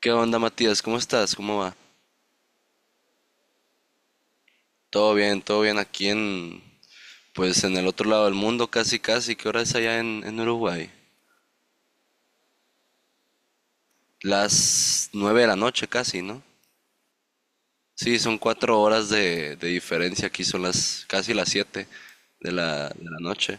¿Qué onda, Matías? ¿Cómo estás? ¿Cómo va? Todo bien aquí pues en el otro lado del mundo, casi, casi. ¿Qué hora es allá en Uruguay? Las nueve de la noche, casi, ¿no? Sí, son 4 horas de diferencia. Aquí son las casi las 7 de la noche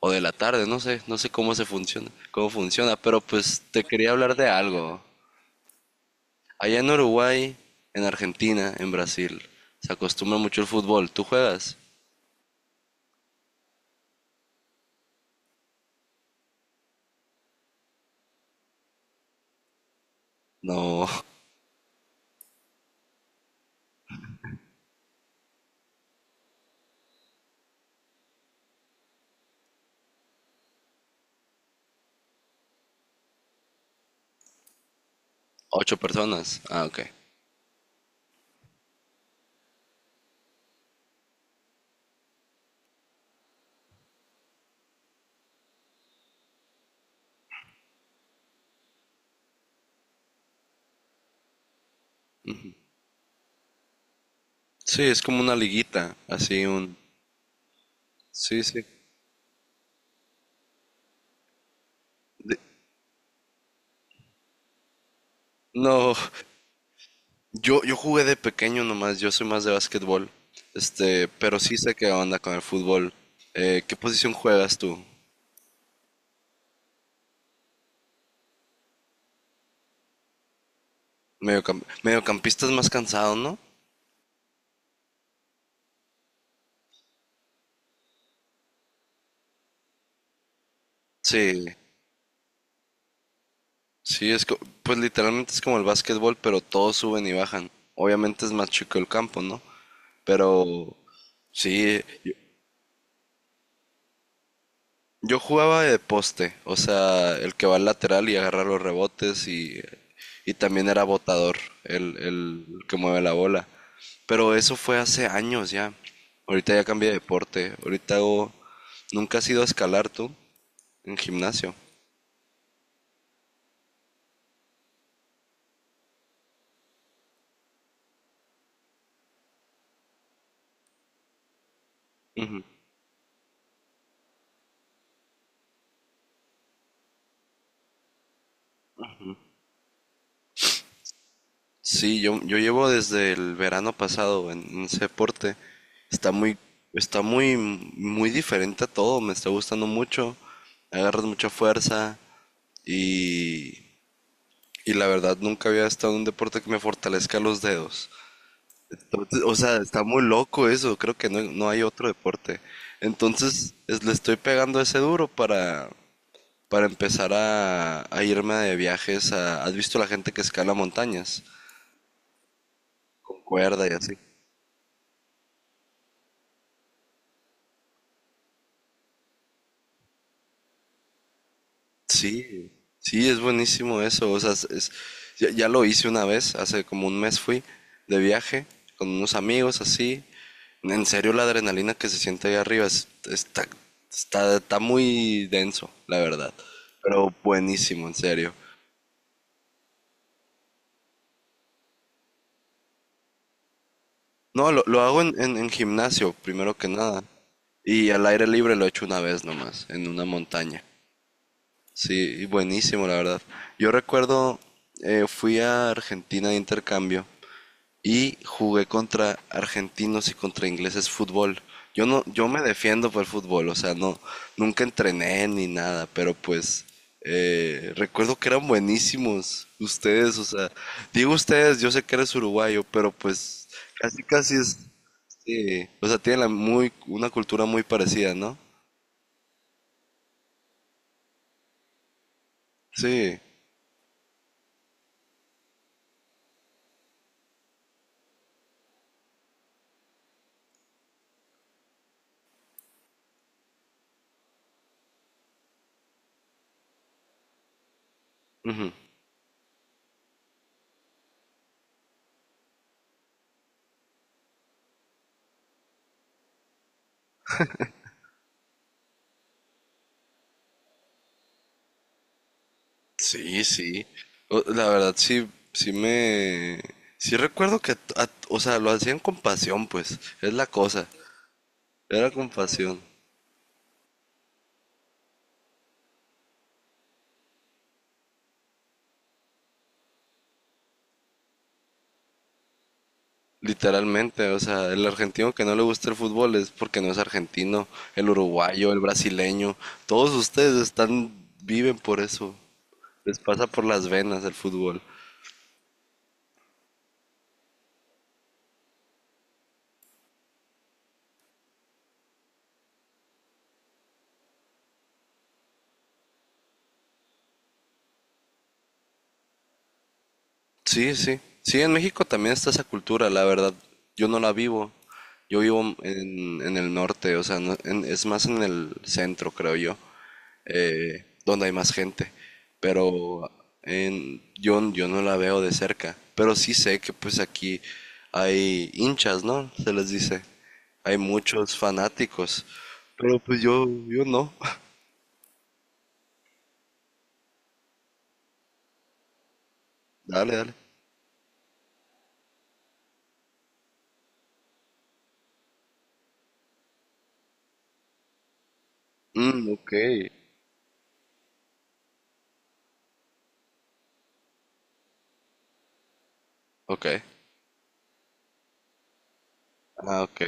o de la tarde, no sé cómo funciona. Pero pues te quería hablar de algo. Allá en Uruguay, en Argentina, en Brasil, se acostumbra mucho el fútbol. ¿Tú juegas? No. Ocho personas. Ah, ok. Sí, es como una liguita, así un... Sí, sí. De- No, yo jugué de pequeño nomás, yo soy más de básquetbol. Este, pero sí sé qué onda con el fútbol. ¿Qué posición juegas tú? Mediocampista es más cansado, ¿no? Sí, sí, pues literalmente es como el básquetbol, pero todos suben y bajan. Obviamente es más chico el campo, ¿no? Pero sí, yo jugaba de poste, o sea, el que va al lateral y agarra los rebotes y también era botador, el que mueve la bola. Pero eso fue hace años ya. Ahorita ya cambié de deporte. Ahorita hago... ¿Nunca has ido a escalar tú en gimnasio? Sí, yo llevo desde el verano pasado en ese deporte. Está muy, está muy, muy diferente a todo. Me está gustando mucho. Agarras mucha fuerza y y la verdad nunca había estado en un deporte que me fortalezca los dedos. Entonces, o sea, está muy loco eso, creo que no, no hay otro deporte. Entonces le estoy pegando ese duro para empezar a irme de viajes. ¿Has visto la gente que escala montañas? Con cuerda y así. Sí, sí, es buenísimo eso. O sea, ya lo hice una vez, hace como un mes fui de viaje con unos amigos así. En serio, la adrenalina que se siente ahí arriba está muy denso, la verdad. Pero buenísimo, en serio. No, lo hago en gimnasio, primero que nada. Y al aire libre lo he hecho una vez nomás, en una montaña. Sí, y buenísimo, la verdad. Yo recuerdo, fui a Argentina de intercambio y jugué contra argentinos y contra ingleses fútbol. Yo no, yo me defiendo por el fútbol, o sea, no, nunca entrené ni nada, pero pues recuerdo que eran buenísimos ustedes, o sea, digo ustedes, yo sé que eres uruguayo, pero pues casi casi es, sí, o sea, tienen una cultura muy parecida, ¿no? Sí, ujú. Sí, sí. La verdad, sí, sí me... Sí recuerdo que, o sea, lo hacían con pasión, pues, es la cosa. Era compasión, literalmente. O sea, el argentino que no le gusta el fútbol es porque no es argentino, el uruguayo, el brasileño, todos ustedes están, viven por eso. Les pasa por las venas el fútbol. Sí, sí. Sí, en México también está esa cultura, la verdad. Yo no la vivo. Yo vivo en el norte, o sea, es más en el centro, creo yo. Donde hay más gente. Pero yo no la veo de cerca. Pero sí sé que pues aquí hay hinchas, ¿no? Se les dice. Hay muchos fanáticos. Pero pues yo no. Dale, dale. Mm, ok. Ok. Ah, ok.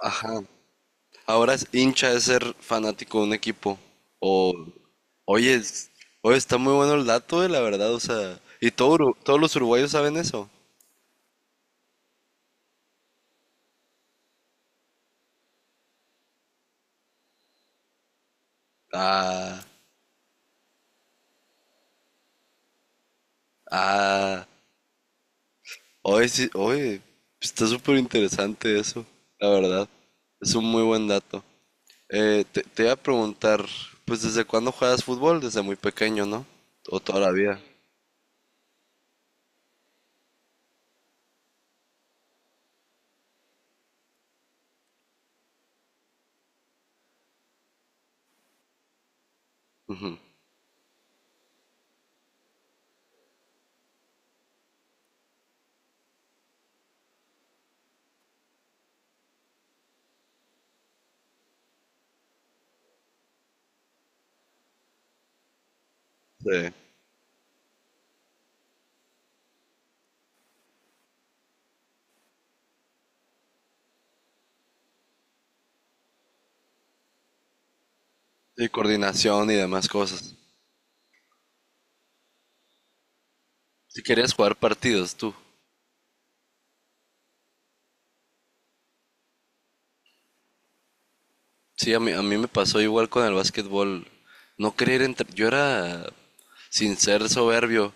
Ajá. Ahora es hincha es ser fanático de un equipo. O, oye, es- oye, está muy bueno el dato, la verdad. O sea, ¿y todo todos los uruguayos saben eso? Ah. Ah, hoy sí, hoy está súper interesante eso, la verdad. Es un muy buen dato. Te iba a preguntar, pues ¿desde cuándo juegas fútbol? Desde muy pequeño, ¿no? O toda la vida. Ujú, sí. Y coordinación y demás cosas. Si querías jugar partidos, tú. Sí, a mí me pasó igual con el básquetbol. No querer entrar. Yo era, sin ser soberbio,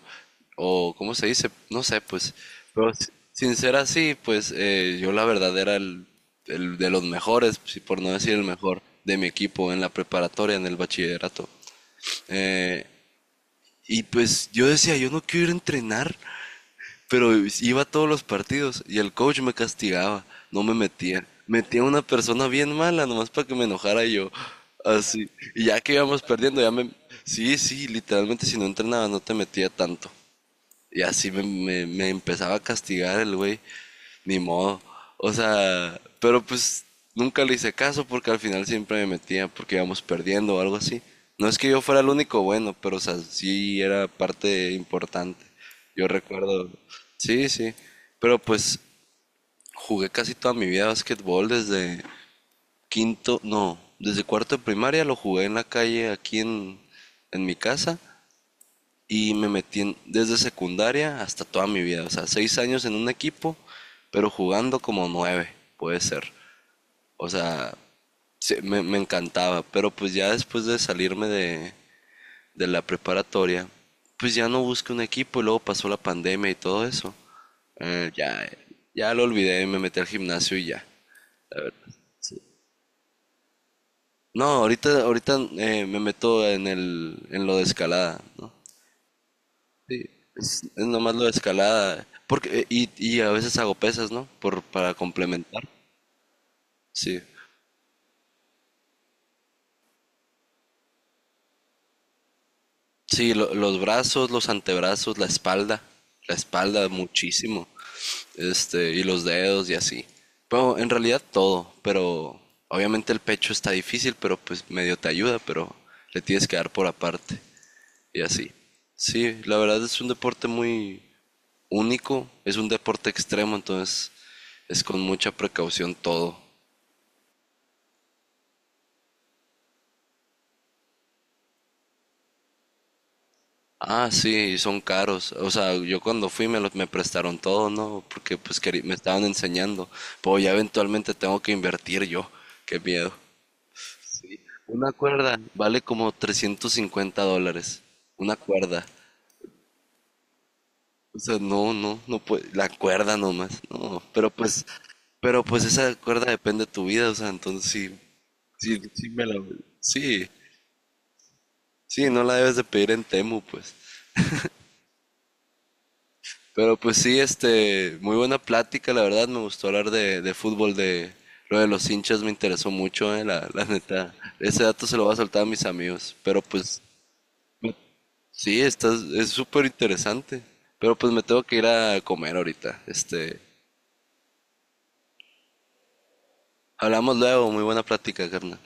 o ¿cómo se dice? No sé, pues. Pero sin ser así, pues yo la verdad era el de los mejores, si por no decir el mejor, de mi equipo en la preparatoria, en el bachillerato. Eh, y pues yo decía, yo no quiero ir a entrenar. Pero iba a todos los partidos y el coach me castigaba, no me metía. Metía a una persona bien mala, nomás para que me enojara yo. Así. Y ya que íbamos perdiendo, ya me... Sí, sí, literalmente si no entrenabas no te metía tanto. Y así me empezaba a castigar el güey. Ni modo. O sea, pero pues nunca le hice caso porque al final siempre me metía porque íbamos perdiendo o algo así. No es que yo fuera el único bueno, pero o sea, sí era parte importante. Yo recuerdo, sí, sí. Pero pues jugué casi toda mi vida básquetbol desde quinto, no, desde cuarto de primaria lo jugué en la calle aquí en mi casa y me metí desde secundaria hasta toda mi vida. O sea, 6 años en un equipo, pero jugando como nueve, puede ser. O sea, sí, me encantaba. Pero pues ya después de salirme de la preparatoria, pues ya no busqué un equipo y luego pasó la pandemia y todo eso. Eh, ya, ya lo olvidé, me metí al gimnasio y ya. No, ahorita me meto en lo de escalada, ¿no? Sí, es nomás lo de escalada. Porque, y a veces hago pesas, ¿no? Para complementar. Sí. Sí, los brazos, los antebrazos, la espalda. La espalda muchísimo. Este, y los dedos y así. Pero en realidad todo. Pero obviamente el pecho está difícil, pero pues medio te ayuda, pero le tienes que dar por aparte. Y así. Sí, la verdad es un deporte muy único. Es un deporte extremo, entonces es con mucha precaución todo. Ah, sí, son caros. O sea, yo cuando fui me los me prestaron todo, ¿no? Porque pues me estaban enseñando. Pero ya eventualmente tengo que invertir yo. Qué miedo. Una cuerda vale como 350 dólares. Una cuerda. O sea, no, no, no puede. La cuerda nomás. No, pero pues esa cuerda depende de tu vida. O sea, entonces sí, sí, sí me la. Sí, sí, no la debes de pedir en Temu, pues. Pero pues sí, este, muy buena plática, la verdad, me gustó hablar de fútbol, de lo de los hinchas me interesó mucho, la neta. Ese dato se lo voy a soltar a mis amigos, pero pues sí, es súper interesante. Pero pues me tengo que ir a comer ahorita. Este, hablamos luego, muy buena plática, carnal.